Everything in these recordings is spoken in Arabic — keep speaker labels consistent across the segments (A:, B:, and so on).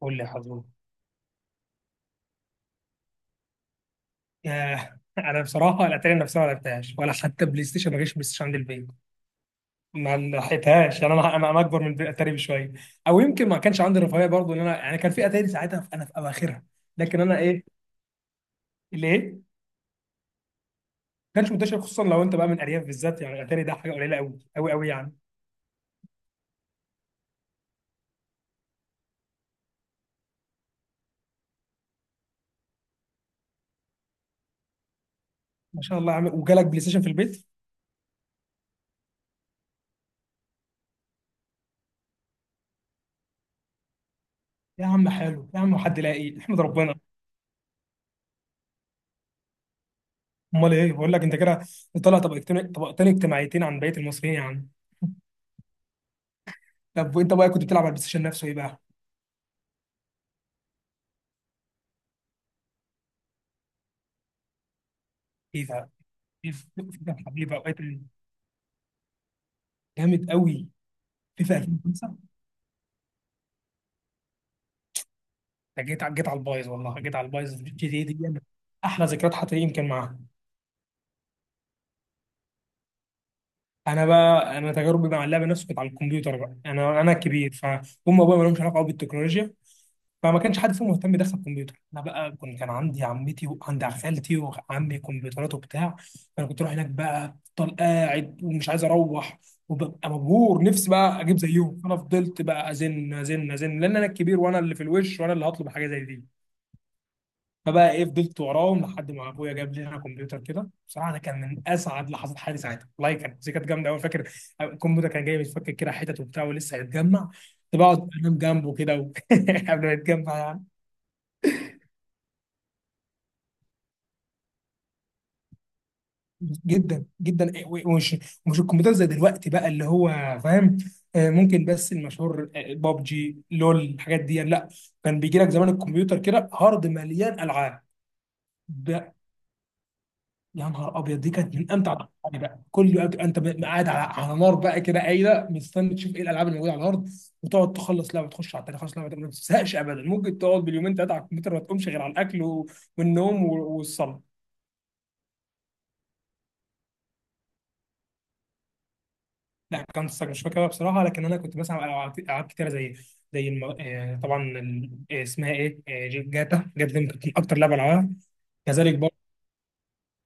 A: قول لي يا حزوم. ياه، انا بصراحه الاتاري نفسها ما لعبتهاش، ولا حتى بلاي ستيشن، ما جاش بلاي ستيشن عند البيت. ما لحقتهاش، يعني انا انا أنا اكبر من الاتاري بشويه. او يمكن ما كانش عندي الرفاهيه برضه، ان انا يعني كان في اتاري ساعتها، في انا في اواخرها. لكن انا ايه اللي ايه، ما كانش منتشر، خصوصا لو انت بقى من ارياف بالذات، يعني الاتاري ده حاجه قليله قوي قوي قوي يعني. ما شاء الله يا عم، وجالك بلاي ستيشن في البيت. يا عم حلو يا عم، حد لاقي احمد ربنا. امال ايه بقول لك انت كده؟ طالع طبقتين طبقتين اجتماعيتين عن بقيه المصريين يا عم. طب وانت بقى كنت بتلعب على البلاي ستيشن نفسه ايه بقى؟ ايه ده؟ في فيفا حبيبي اوقات، جامد قوي. فيفا 2005، ده جيت على البايظ، والله جيت على البايظ، جي تي إيه دي أنا. احلى ذكريات حتى يمكن معاها. انا بقى انا تجاربي مع اللعبه نفسه كانت على الكمبيوتر بقى، انا كبير فهم. ابويا ما لهمش علاقه قوي بالتكنولوجيا، فما كانش حد فيهم مهتم يدخل كمبيوتر. انا بقى كان عندي عمتي وعند خالتي وعمي كمبيوترات وبتاع، فانا كنت اروح هناك بقى، افضل قاعد ومش عايز اروح، وببقى مبهور نفسي بقى اجيب زيهم. فانا فضلت بقى ازن ازن ازن، لان انا الكبير وانا اللي في الوش وانا اللي هطلب حاجه زي دي. فبقى ايه، فضلت وراهم لحد ما ابويا جاب لي انا كمبيوتر كده. بصراحه ده كان من اسعد لحظات حياتي ساعتها، والله دي كانت جامده قوي. فاكر الكمبيوتر كان جاي متفكك كده، حتت وبتاع ولسه هيتجمع. كنت بقعد انام جنبه كده و- قبل ما يتجمع يعني. جدا جدا، ومش الكمبيوتر زي دلوقتي بقى، اللي هو، فاهم، ممكن، بس المشهور بابجي لول الحاجات دي، لا. كان بيجي لك زمان الكمبيوتر كده هارد مليان العاب بقى. يا نهار ابيض، دي كانت من امتع الألعاب بقى، كل وقت انت قاعد على نار بقى كده، قايله مستني تشوف ايه الالعاب اللي موجوده على الارض. وتقعد تخلص لعبه، تخش على التانيه، تخلص لعبه تانية، ما بتزهقش ابدا. ممكن تقعد باليومين ثلاثه على الكمبيوتر ما تقومش غير على الاكل و- والنوم و- والصلاه. لا، كان مش فاكرها بصراحه، لكن انا كنت بسمع العاب ألعاب كتيره، زي الم... آه، طبعا، اسمها ايه، جاتا جاتا دي كانت اكتر لعبه العبها. كذلك برضه،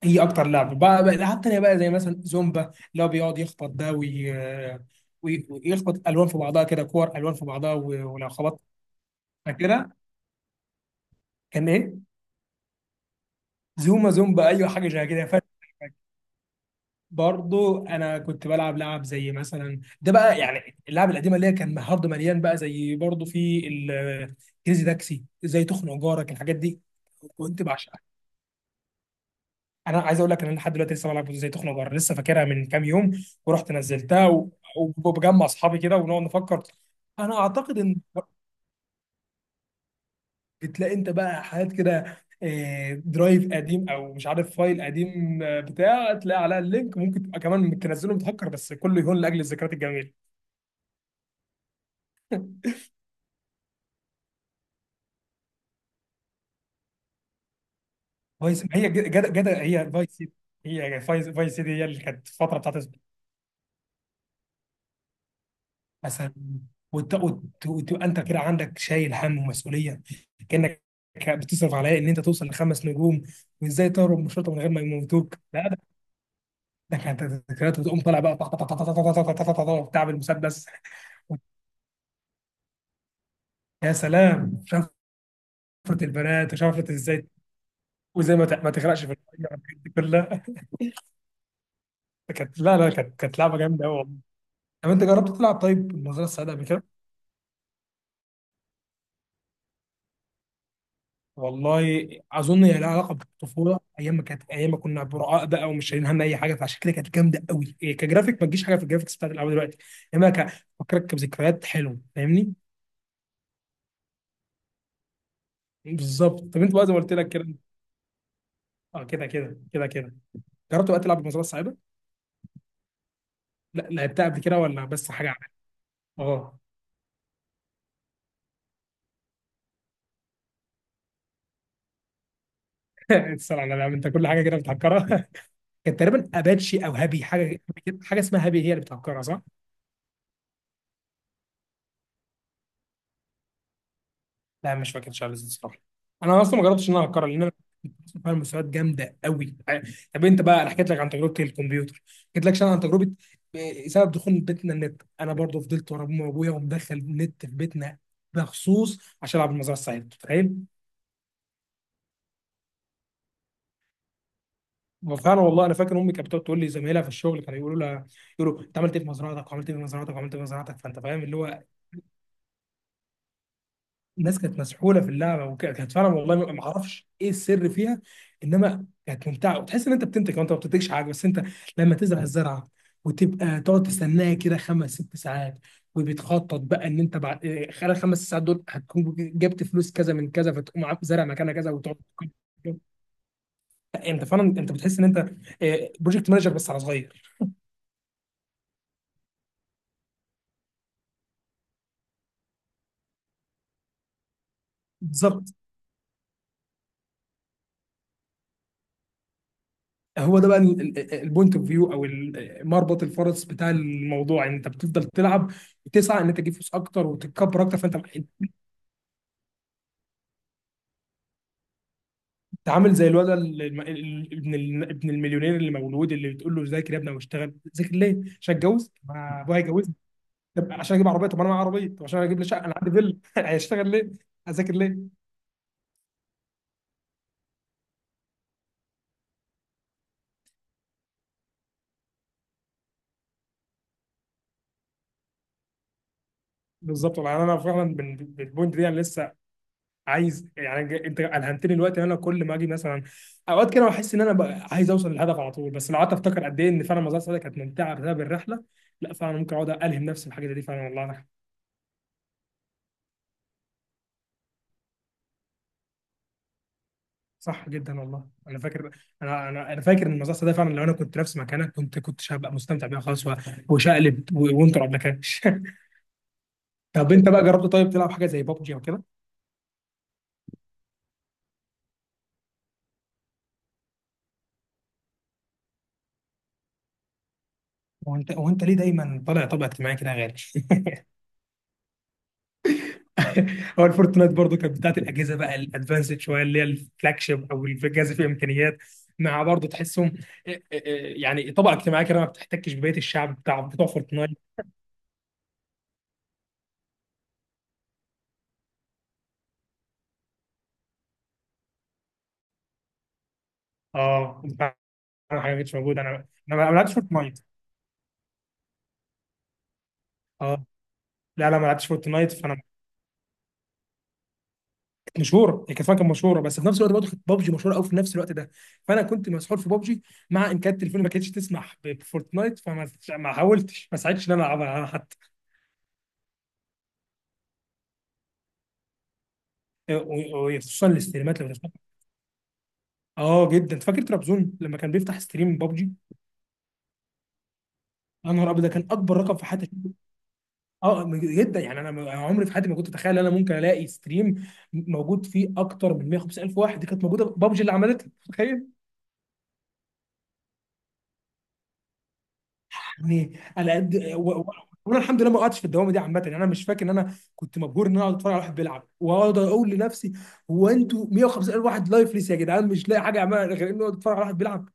A: هي اكتر لعبه، بقى العاب تانيه بقى، زي مثلا زومبا، اللي هو بيقعد يخبط ده وي- ويخبط الوان في بعضها كده، كور الوان في بعضها، و... ولو خبطت كده كان ايه. زوما زومبا، ايوه حاجه زي كده. برضو انا كنت بلعب لعب زي مثلا ده بقى، يعني اللعب القديمه اللي هي كان هارد مليان بقى، زي برضو في ال- كريزي تاكسي، زي تخنق جارك، الحاجات دي. كنت بعشقها. انا عايز اقول لك ان انا لحد دلوقتي لسه بلعب زي تخنق جارك، لسه فاكرها من كام يوم ورحت نزلتها و- وبجمع اصحابي كده ونقعد نفكر. انا اعتقد ان بتلاقي انت بقى حاجات كده، درايف قديم او مش عارف فايل قديم بتاع، تلاقي عليها اللينك، ممكن تبقى كمان تنزله متهكر، بس كله يهون لاجل الذكريات الجميله. فايس، ما هي جدا جدا هي فايس سيتي، هي يعني فايس سيتي، هي اللي كانت الفتره بتاعت اسبانيا مثلا. وتبقى انت كده عندك شايل هم ومسؤوليه، كانك بتصرف على إيه؟ ان انت توصل لخمس نجوم، وازاي تهرب من الشرطه من غير ما يموتوك. لا ده، ده كانت ذكريات، وتقوم طالع بقى طخ- طخ- طخ- طخ- طخ- طخ- طخ- طخ- طخ- بتاع بالمسدس. يا سلام شفرة البنات، وشفرة ازاي وزي ما ت- ما تغرقش في الميه والحاجات دي كلها. كانت لا لا، كانت لعبه جامده قوي والله. طب انت جربت تلعب طيب النظاره السعيده قبل كده؟ والله، اظن هي لها علاقه بالطفوله، ايام ما كانت، ايام ما كنا براء بقى، ومش شايلين هم اي حاجه، فعشان كده كانت جامده قوي. إيه كجرافيك، ما تجيش حاجه في الجرافيكس بتاعت الالعاب دلوقتي، انما كفكرك كذكريات حلوه، فاهمني. بالظبط. طب انت بقى زي ما قلت لك كده، اه كده كده كده كده، جربت بقى تلعب المزرعه السعيده؟ لا لعبتها قبل كده، ولا بس حاجه عنها؟ اه. تسأل على الألعاب، انت كل حاجه كده بتهكرها. كانت تقريبا اباتشي او هابي حاجه، حاجه اسمها هابي هي اللي بتهكرها صح؟ لا مش فاكر شارلز الصراحه. انا اصلا ما جربتش ان انا اهكرها، لان فعلا مستويات جامده قوي. طب انت بقى، انا حكيت لك عن تجربه الكمبيوتر، حكيت لك عن تجربه سبب دخول بيتنا النت. انا برضو فضلت ورا امي وابويا ومدخل النت في بيتنا بخصوص عشان العب المزرعه السعيده، تخيل. وفعلا والله انا فاكر امي كانت بتقعد تقول لي زمايلها في الشغل كانوا يقولوا لها، يقولوا انت عملت ايه في مزرعتك وعملت ايه في مزرعتك وعملت ايه في مزرعتك، فانت فاهم اللي هو الناس كانت مسحوله في اللعبه. وكانت فعلا والله، ما اعرفش ايه السر فيها، انما كانت ممتعه، وتحس ان انت بتنتج وانت ما بتنتجش حاجه، بس انت لما تزرع الزرعه وتبقى تقعد تستناها كده خمس ست ساعات، وبتخطط بقى ان انت بعد خلال 5 ساعات دول هتكون جبت فلوس كذا من كذا، فتقوم عامل زرع مكانها كذا وتقعد. لا، انت فعلا انت بتحس ان انت بروجكت مانجر بس على صغير. بالظبط. هو ده بقى البوينت اوف فيو، او ال- مربط الفرس بتاع الموضوع، ان انت بتفضل تلعب، وتسعى ان انت تجيب فلوس اكتر وتتكبر اكتر، فانت عامل زي الولد ال- الم- ال- ابن ال- ابن المليونير اللي مولود، اللي بتقول له ذاكر يا ابني واشتغل، ذاكر ليه؟ عشان اتجوز؟ ما ابويا هيجوزني. طب عشان اجيب عربيه؟ طب انا معايا عربيه. طب عشان اجيب لي شقه؟ انا عندي فيلا. هشتغل ليه؟ هذاكر ليه؟ بالظبط، والله انا فعلا من البوينت دي، انا لسه عايز يعني، ج- انت الهمتني دلوقتي ان انا كل ما اجي مثلا اوقات كده، بحس ان انا بقى عايز اوصل للهدف على طول. بس لو قعدت افتكر قد ايه ان فعلا مزرعه سعاده كانت ممتعه بسبب الرحله، لا فعلا ممكن اقعد الهم نفسي الحاجه دي فعلا، والله أنا. صح جدا والله، انا فاكر، انا فاكر ان مزرعه سعاده فعلا، لو انا كنت نفس مكانك كنت هبقى مستمتع بيها خالص و- وشقلب و- وانت ما كانش. طب انت بقى جربت طيب تلعب حاجه زي بابجي او كده؟ وانت ليه دايما طالع طبع اجتماعي كده يا غالي؟ هو الفورتنايت برضو كانت بتاعت الاجهزه بقى الادفانسد شويه، اللي هي الفلاج شيب، او الجهاز فيه امكانيات، مع برضو تحسهم إيه- إيه- إيه، يعني طبقه اجتماعيه كده ما بتحتكش ببقيه الشعب بتاع بتوع فورتنايت. اه فعلاً، حاجه مش موجوده، انا ما لعبتش فورتنايت. اه، لا لا ما لعبتش فورتنايت فانا. كانت مشهوره، هي كانت فعلاً كانت مشهوره، بس في نفس الوقت برضه كانت بابجي مشهوره قوي في نفس الوقت ده، فانا كنت مسحور في بابجي، مع ان كانت تليفوني ما كانتش تسمح ب- بفورتنايت، فما ما حاولتش ما ساعدتش ان انا العبها حتى. وخصوصا الاستريمات لو، اه جدا، فاكر ترابزون لما كان بيفتح ستريم بابجي. يا نهار ابيض، ده كان اكبر رقم في حياتي أشوفه. اه م- جدا، يعني انا م- أنا عمري في حياتي ما كنت اتخيل ان انا ممكن الاقي ستريم موجود فيه اكتر من 150,000 واحد. دي كانت موجوده بابجي اللي عملتها، تخيل. يعني على قد و- و- وانا الحمد لله ما قعدتش في الدوامه دي عامه، يعني انا مش فاكر ان انا كنت مبهور ان انا اقعد اتفرج على واحد بيلعب، واقعد اقول لنفسي، هو انتوا 150,000 واحد لايفلس يا جدعان؟ مش لاقي حاجه اعملها غير انه اتفرج على واحد بيلعب؟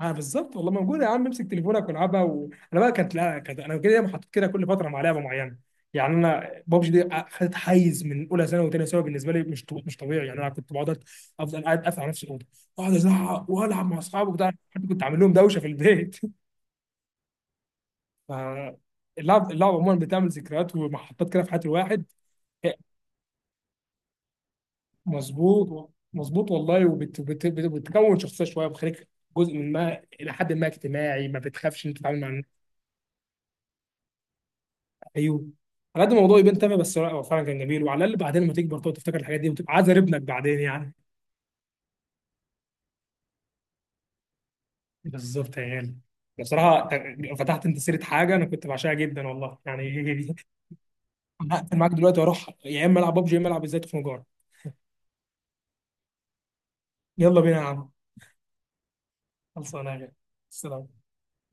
A: اه بالظبط والله، موجوده يا عم، امسك تليفونك والعبها و... انا بقى كانت لا، كانت انا كده دايما حاطط كده كل فتره مع لعبه معينه. يعني انا بابجي دي خدت حيز من اولى ثانوي وثانيه ثانوي، بالنسبه لي مش طو- مش طبيعي، يعني انا كنت بقعد افضل قاعد قافل على نفسي الاوضه، اقعد ازعق والعب مع اصحابي وبتاع، حتى كنت عامل لهم دوشه في البيت. فاللعب عموما بتعمل ذكريات ومحطات كده في حياه الواحد. مظبوط مظبوط والله، وبتكون شخصيه شويه بتخليك جزء من، ما الى حد ما اجتماعي، ما بتخافش انت تتعامل مع. ايوه، على قد الموضوع يبان تافه، بس هو فعلا كان جميل، وعلى الاقل بعدين لما تكبر تقعد تفتكر الحاجات دي وتبقى عازر ابنك بعدين يعني. بالظبط يا غالي. بصراحه ت- فتحت انت سيره حاجه انا كنت بعشقها جدا والله يعني. هقفل معاك دلوقتي واروح، يا اما العب ببجي يا اما العب ازاي تخنجار. يلا بينا يا عم. خلصانه يا غالي. السلام.